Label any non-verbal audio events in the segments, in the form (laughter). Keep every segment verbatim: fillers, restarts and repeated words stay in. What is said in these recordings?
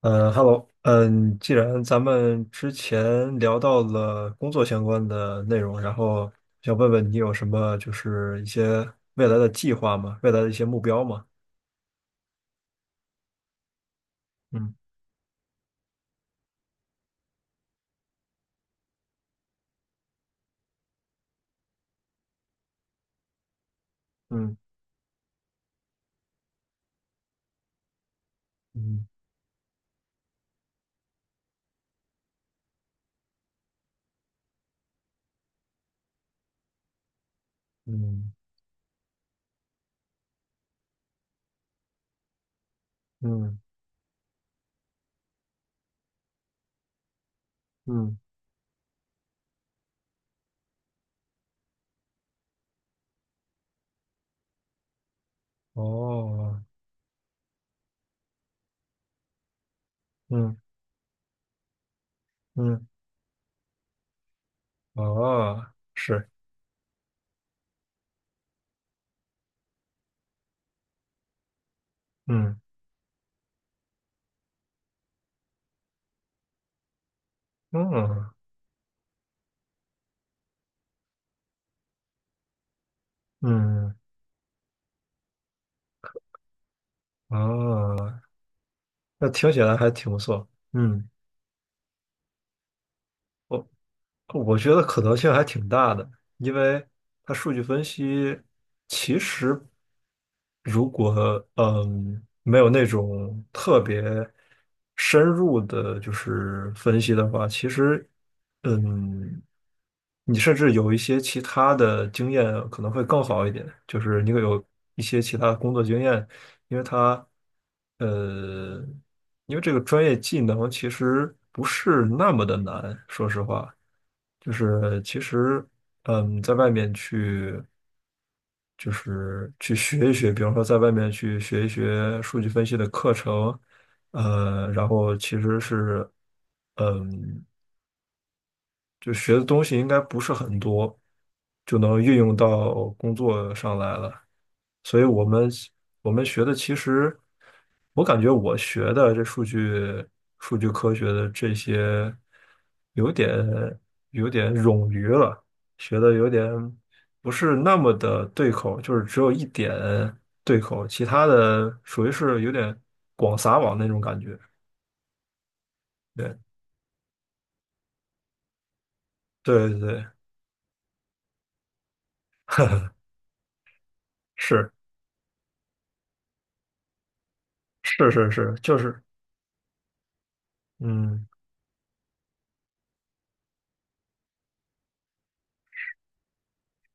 嗯，Hello，嗯，既然咱们之前聊到了工作相关的内容，然后想问问你有什么就是一些未来的计划吗？未来的一些目标吗？嗯嗯嗯嗯嗯嗯，哦，嗯嗯哦，是，嗯嗯嗯哦，那听起来还挺不错。嗯，我我觉得可能性还挺大的，因为它数据分析其实如果嗯没有那种特别深入的，就是分析的话，其实嗯你甚至有一些其他的经验可能会更好一点，就是你有一些其他的工作经验，因为它呃，因为这个专业技能其实不是那么的难，说实话，就是其实嗯，在外面去就是去学一学，比方说在外面去学一学数据分析的课程，呃，然后其实是嗯，就学的东西应该不是很多，就能运用到工作上来了。所以我们我们学的其实，我感觉我学的这数据数据科学的这些，有点有点冗余了，学的有点不是那么的对口，就是只有一点对口，其他的属于是有点广撒网那种感觉。对对对，是是是是，就是嗯。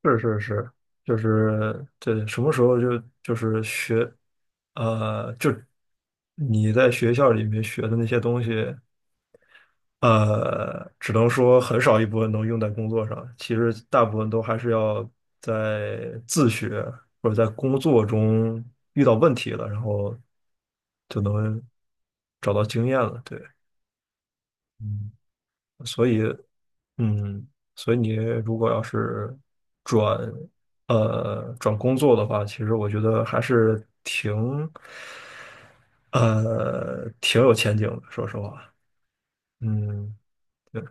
是是是，就是对，什么时候就就是学，呃，就你在学校里面学的那些东西，呃，只能说很少一部分能用在工作上，其实大部分都还是要在自学或者在工作中遇到问题了，然后就能找到经验了。对，嗯。所以，嗯，所以你如果要是转呃转工作的话，其实我觉得还是挺呃挺有前景的，说实话，嗯，对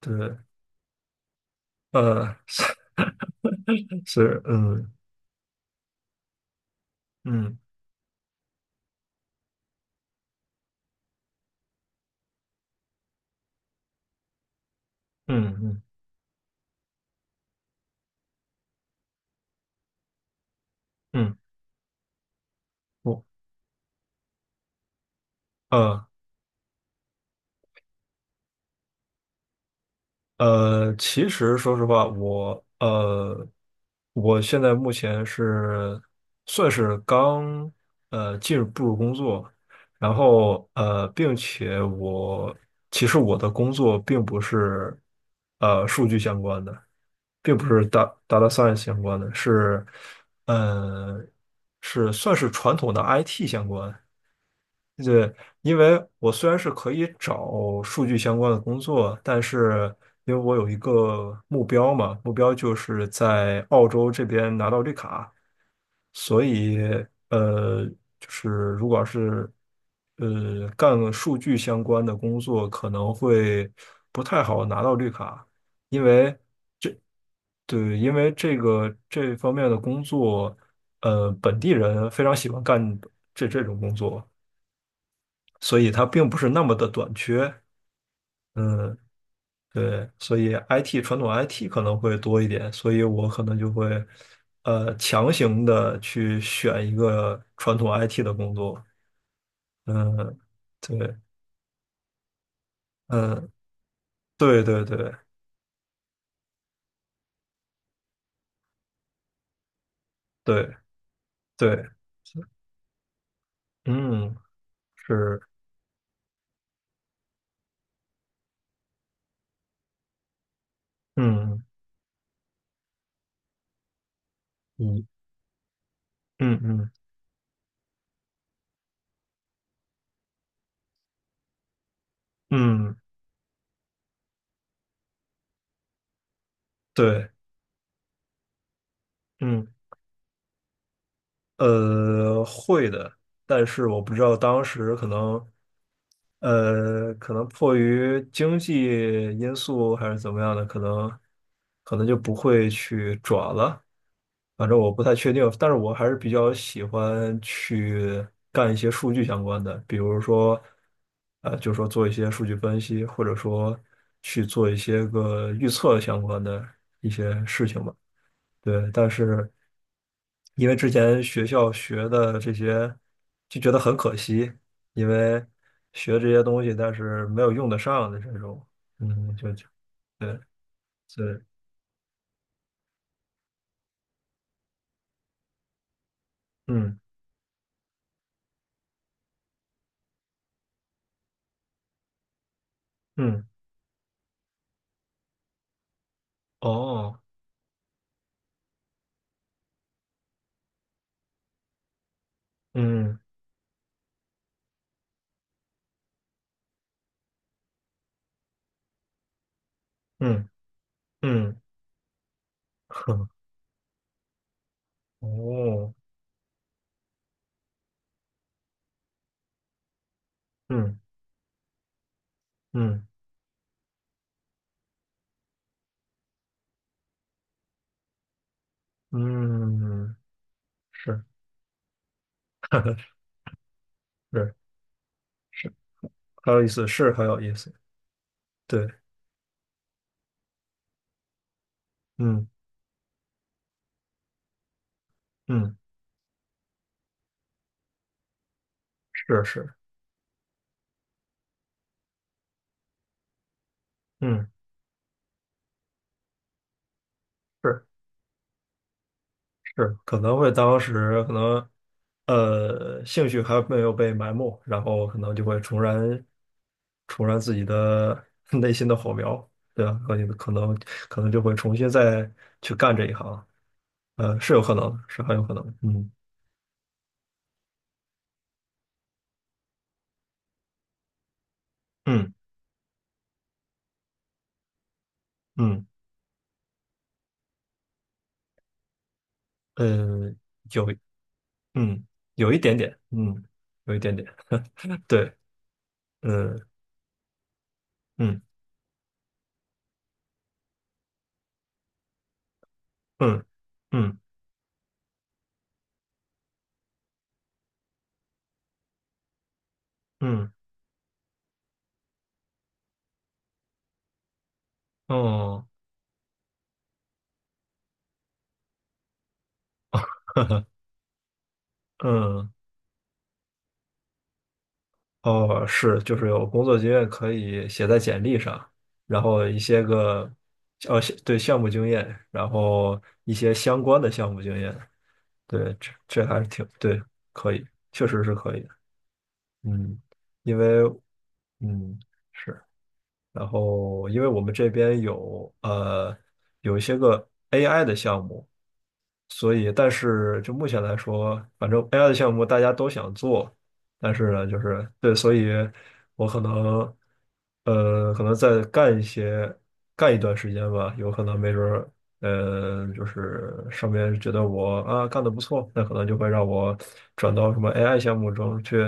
对，呃 (laughs) 是是嗯嗯嗯嗯嗯，我呃呃，其实说实话，我呃我现在目前是算是刚呃进入步入工作。然后呃，并且我其实我的工作并不是呃数据相关的，并不是 d a t data science 相关的，是呃是算是传统的 I T 相关。对，因为我虽然是可以找数据相关的工作，但是因为我有一个目标嘛，目标就是在澳洲这边拿到绿卡，所以呃，就是如果要是呃干数据相关的工作，可能会不太好拿到绿卡，因为对，因为这个这方面的工作，呃，本地人非常喜欢干这这种工作，所以它并不是那么的短缺，嗯。对，所以 I T 传统 I T 可能会多一点，所以我可能就会，呃，强行的去选一个传统 I T 的工作。嗯，对，嗯，对对对对对，嗯，是，嗯嗯嗯嗯嗯，对，嗯。呃，会的，但是我不知道当时可能，呃，可能迫于经济因素还是怎么样的，可能可能就不会去转了。反正我不太确定，但是我还是比较喜欢去干一些数据相关的，比如说，呃，就说做一些数据分析，或者说去做一些个预测相关的一些事情吧。对，但是因为之前学校学的这些，就觉得很可惜，因为学这些东西，但是没有用得上的这种，嗯，就就对，以，嗯嗯，哦，嗯嗯嗯，(laughs) 哼，哦，嗯嗯嗯，是 (laughs) 是是，很有意思，是很有意思，对，嗯嗯，是是，嗯。是。是，可能会当时可能，呃，兴趣还没有被埋没，然后可能就会重燃，重燃自己的 (laughs) 内心的火苗，对吧？可能可能可能就会重新再去干这一行，呃，是有可能，是很有可能，嗯嗯嗯，呃，有，嗯，有一点点，嗯，有一点点，(laughs) 对，嗯嗯嗯嗯嗯，哦，(laughs) 嗯。哦，是，就是有工作经验可以写在简历上，然后一些个，呃，对项目经验，然后一些相关的项目经验，对，这这还是挺，对，可以，确实是可以的嗯，因为，嗯，是，然后因为我们这边有，呃，有一些个 A I 的项目，所以，但是就目前来说，反正 A I 的项目大家都想做，但是呢，就是对，所以我可能，呃，可能再干一些，干一段时间吧，有可能没准儿，呃，就是上面觉得我啊干得不错，那可能就会让我转到什么 A I 项目中去，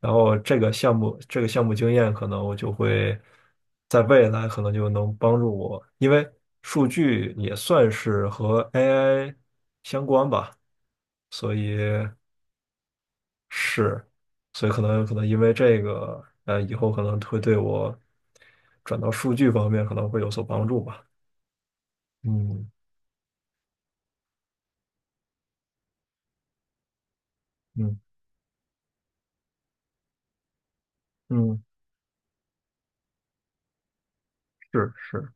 然后这个项目这个项目经验，可能我就会在未来可能就能帮助我，因为数据也算是和 A I 相关吧，所以是，所以可能可能因为这个，呃，以后可能会对我转到数据方面可能会有所帮助吧。嗯嗯嗯，是是，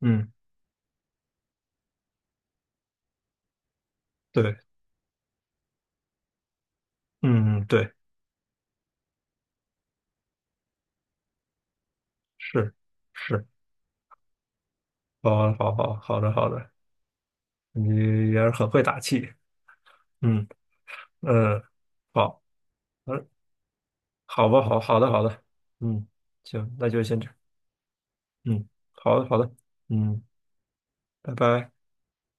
嗯对，嗯嗯对，是是，好啊好好好的好的，你也是很会打气，嗯。嗯，好，嗯，好吧，好，好的，好的，嗯，行，那就先这样，嗯，好的，好的，嗯，拜拜。